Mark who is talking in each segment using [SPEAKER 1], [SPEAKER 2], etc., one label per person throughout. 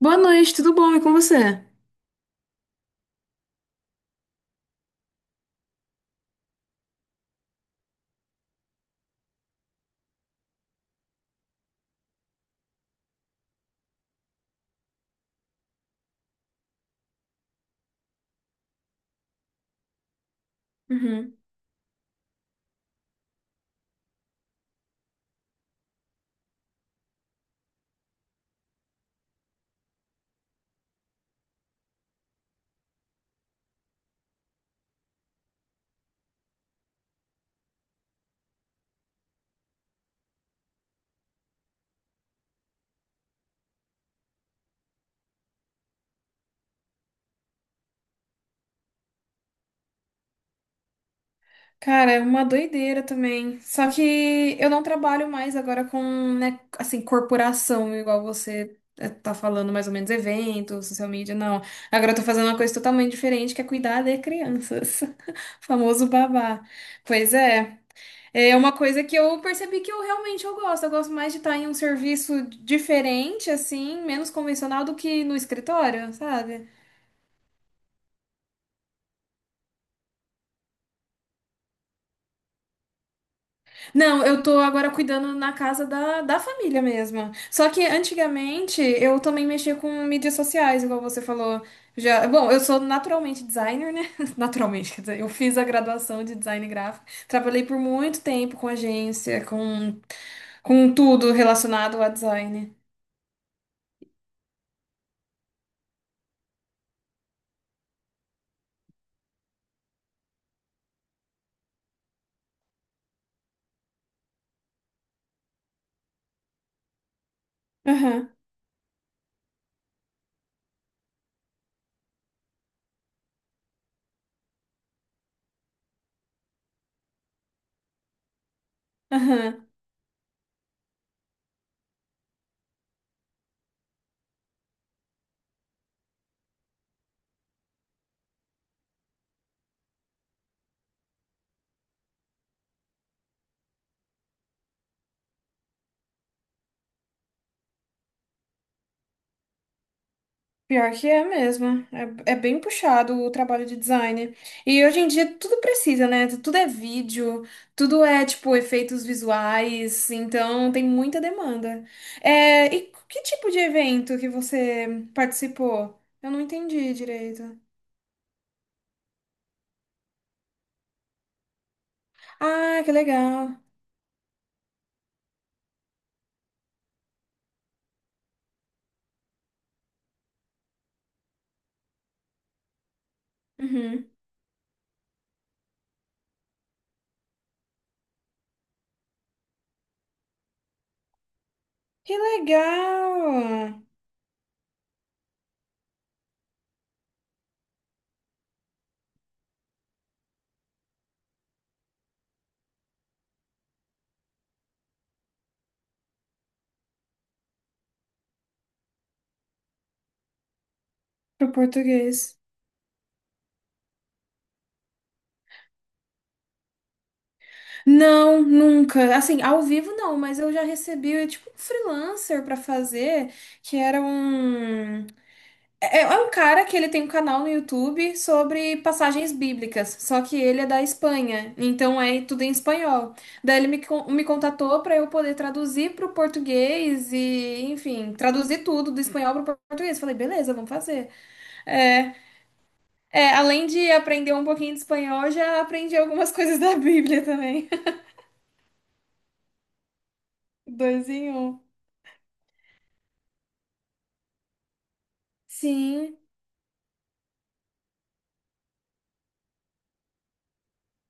[SPEAKER 1] Boa noite, tudo bom? E com você? Uhum. Cara, é uma doideira também. Só que eu não trabalho mais agora com, né, assim, corporação, igual você tá falando, mais ou menos, eventos, social media, não. Agora eu tô fazendo uma coisa totalmente diferente, que é cuidar de crianças. Famoso babá. Pois é. É uma coisa que eu percebi que eu realmente eu gosto. Eu gosto mais de estar em um serviço diferente, assim, menos convencional do que no escritório, sabe? Não, eu tô agora cuidando na casa da família mesmo. Só que antigamente eu também mexia com mídias sociais, igual você falou. Já, bom, eu sou naturalmente designer, né? Naturalmente, quer dizer, eu fiz a graduação de design gráfico. Trabalhei por muito tempo com agência, com tudo relacionado a design. Aham, aham. Pior que é mesmo. É, é bem puxado o trabalho de design. E hoje em dia tudo precisa, né? Tudo é vídeo, tudo é, tipo, efeitos visuais. Então tem muita demanda. É, e que tipo de evento que você participou? Eu não entendi direito. Ah, que legal. Uhum. Que legal! Pro português. Não, nunca. Assim, ao vivo não, mas eu já recebi, tipo, um freelancer pra fazer, que era um. É, é um cara que ele tem um canal no YouTube sobre passagens bíblicas, só que ele é da Espanha, então é tudo em espanhol. Daí ele me, me contatou para eu poder traduzir para o português e, enfim, traduzir tudo do espanhol para o português. Falei, beleza, vamos fazer. É, além de aprender um pouquinho de espanhol, já aprendi algumas coisas da Bíblia também. Dois em um. Sim,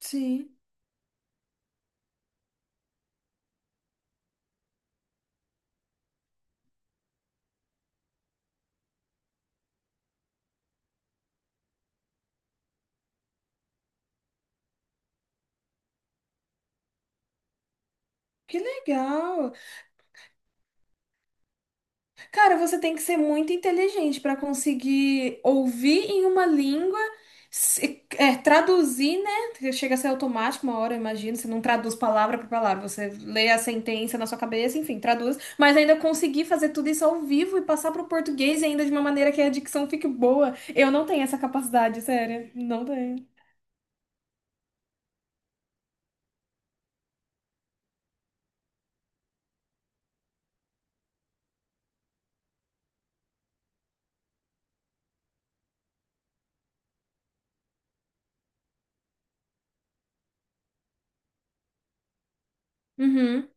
[SPEAKER 1] sim. Que legal. Cara, você tem que ser muito inteligente para conseguir ouvir em uma língua, traduzir, né? Porque chega a ser automático uma hora, eu imagino. Você não traduz palavra por palavra, você lê a sentença na sua cabeça, enfim, traduz. Mas ainda conseguir fazer tudo isso ao vivo e passar para o português ainda de uma maneira que a dicção fique boa. Eu não tenho essa capacidade, sério. Não tenho. Uhum.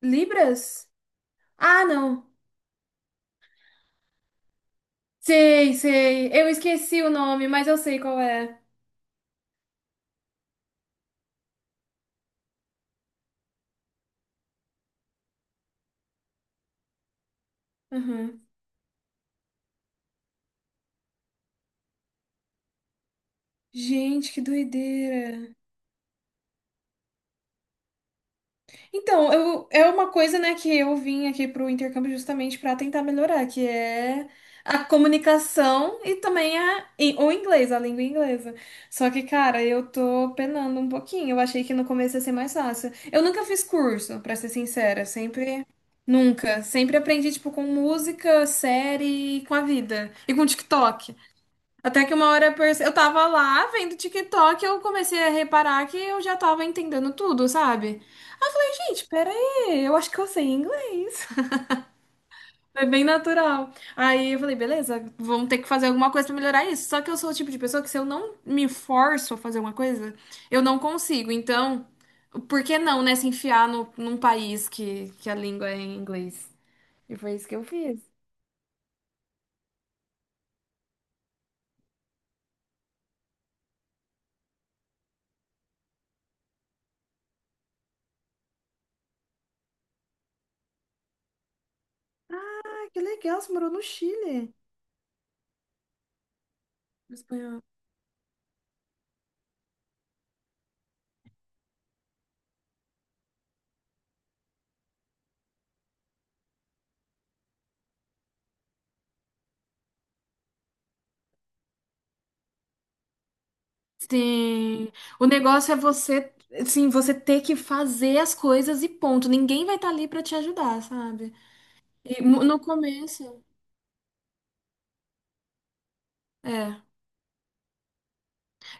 [SPEAKER 1] Libras? Ah, não. Sei, sei. Eu esqueci o nome, mas eu sei qual é. Uhum. Gente, que doideira. Então, eu, é uma coisa, né, que eu vim aqui pro intercâmbio justamente para tentar melhorar, que é a comunicação e também a, e o inglês, a língua inglesa. Só que, cara, eu tô penando um pouquinho. Eu achei que no começo ia ser mais fácil. Eu nunca fiz curso, pra ser sincera, sempre nunca, sempre aprendi tipo com música, série, e com a vida e com TikTok. Até que uma hora eu tava lá vendo TikTok, eu comecei a reparar que eu já tava entendendo tudo, sabe? Aí eu falei, gente, peraí, eu acho que eu sei inglês. Foi bem natural. Aí eu falei, beleza, vamos ter que fazer alguma coisa pra melhorar isso. Só que eu sou o tipo de pessoa que se eu não me forço a fazer uma coisa, eu não consigo. Então, por que não, né, se enfiar no, num país que a língua é em inglês? E foi isso que eu fiz. Ah, que legal, você morou no Chile. Espanhol. Sim. O negócio é você, assim, você ter que fazer as coisas e ponto. Ninguém vai estar ali pra te ajudar, sabe? No começo, é.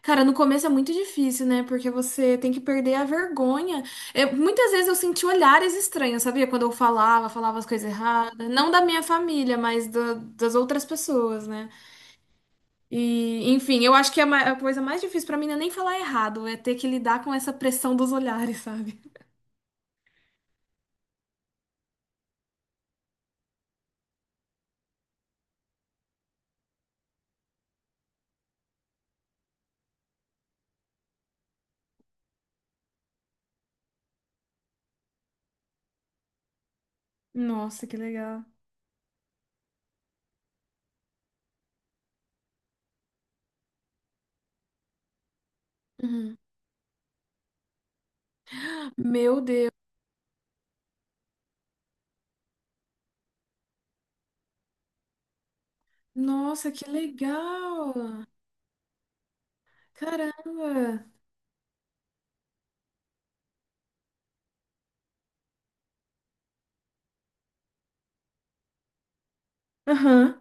[SPEAKER 1] Cara, no começo é muito difícil, né? Porque você tem que perder a vergonha. Muitas vezes eu senti olhares estranhos, sabia? Quando eu falava, falava as coisas erradas. Não da minha família, mas das outras pessoas, né? E, enfim, eu acho que a coisa mais difícil pra mim não é nem falar errado, é ter que lidar com essa pressão dos olhares, sabe? Nossa, que legal. Uhum. Meu Deus. Nossa, que legal! Caramba! Aham.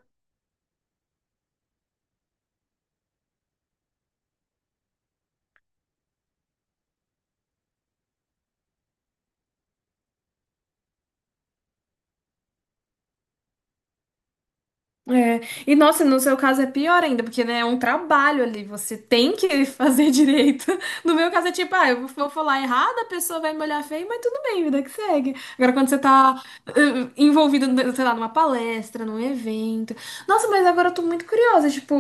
[SPEAKER 1] É. E nossa, no seu caso é pior ainda, porque né, é um trabalho ali, você tem que fazer direito. No meu caso é tipo, ah, eu vou falar errado, a pessoa vai me olhar feio, mas tudo bem, vida que segue. Agora, quando você tá envolvido, né, sei lá, numa palestra, num evento. Nossa, mas agora eu tô muito curiosa, tipo,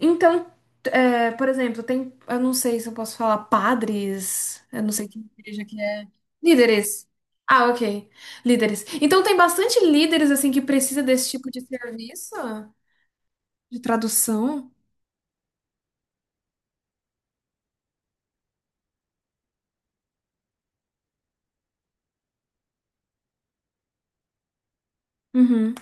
[SPEAKER 1] então, por exemplo, tem, eu não sei se eu posso falar padres, eu não sei que igreja que é. Líderes. Ah, ok. Líderes. Então tem bastante líderes assim que precisa desse tipo de serviço de tradução. Uhum.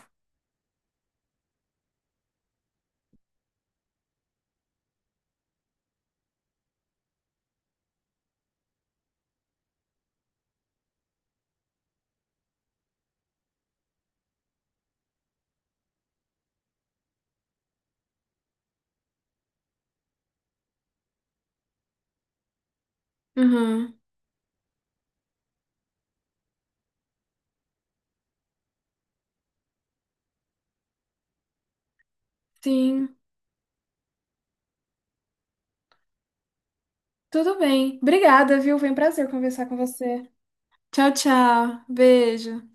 [SPEAKER 1] Uhum. Sim. Tudo bem. Obrigada, viu? Foi um prazer conversar com você. Tchau, tchau. Beijo.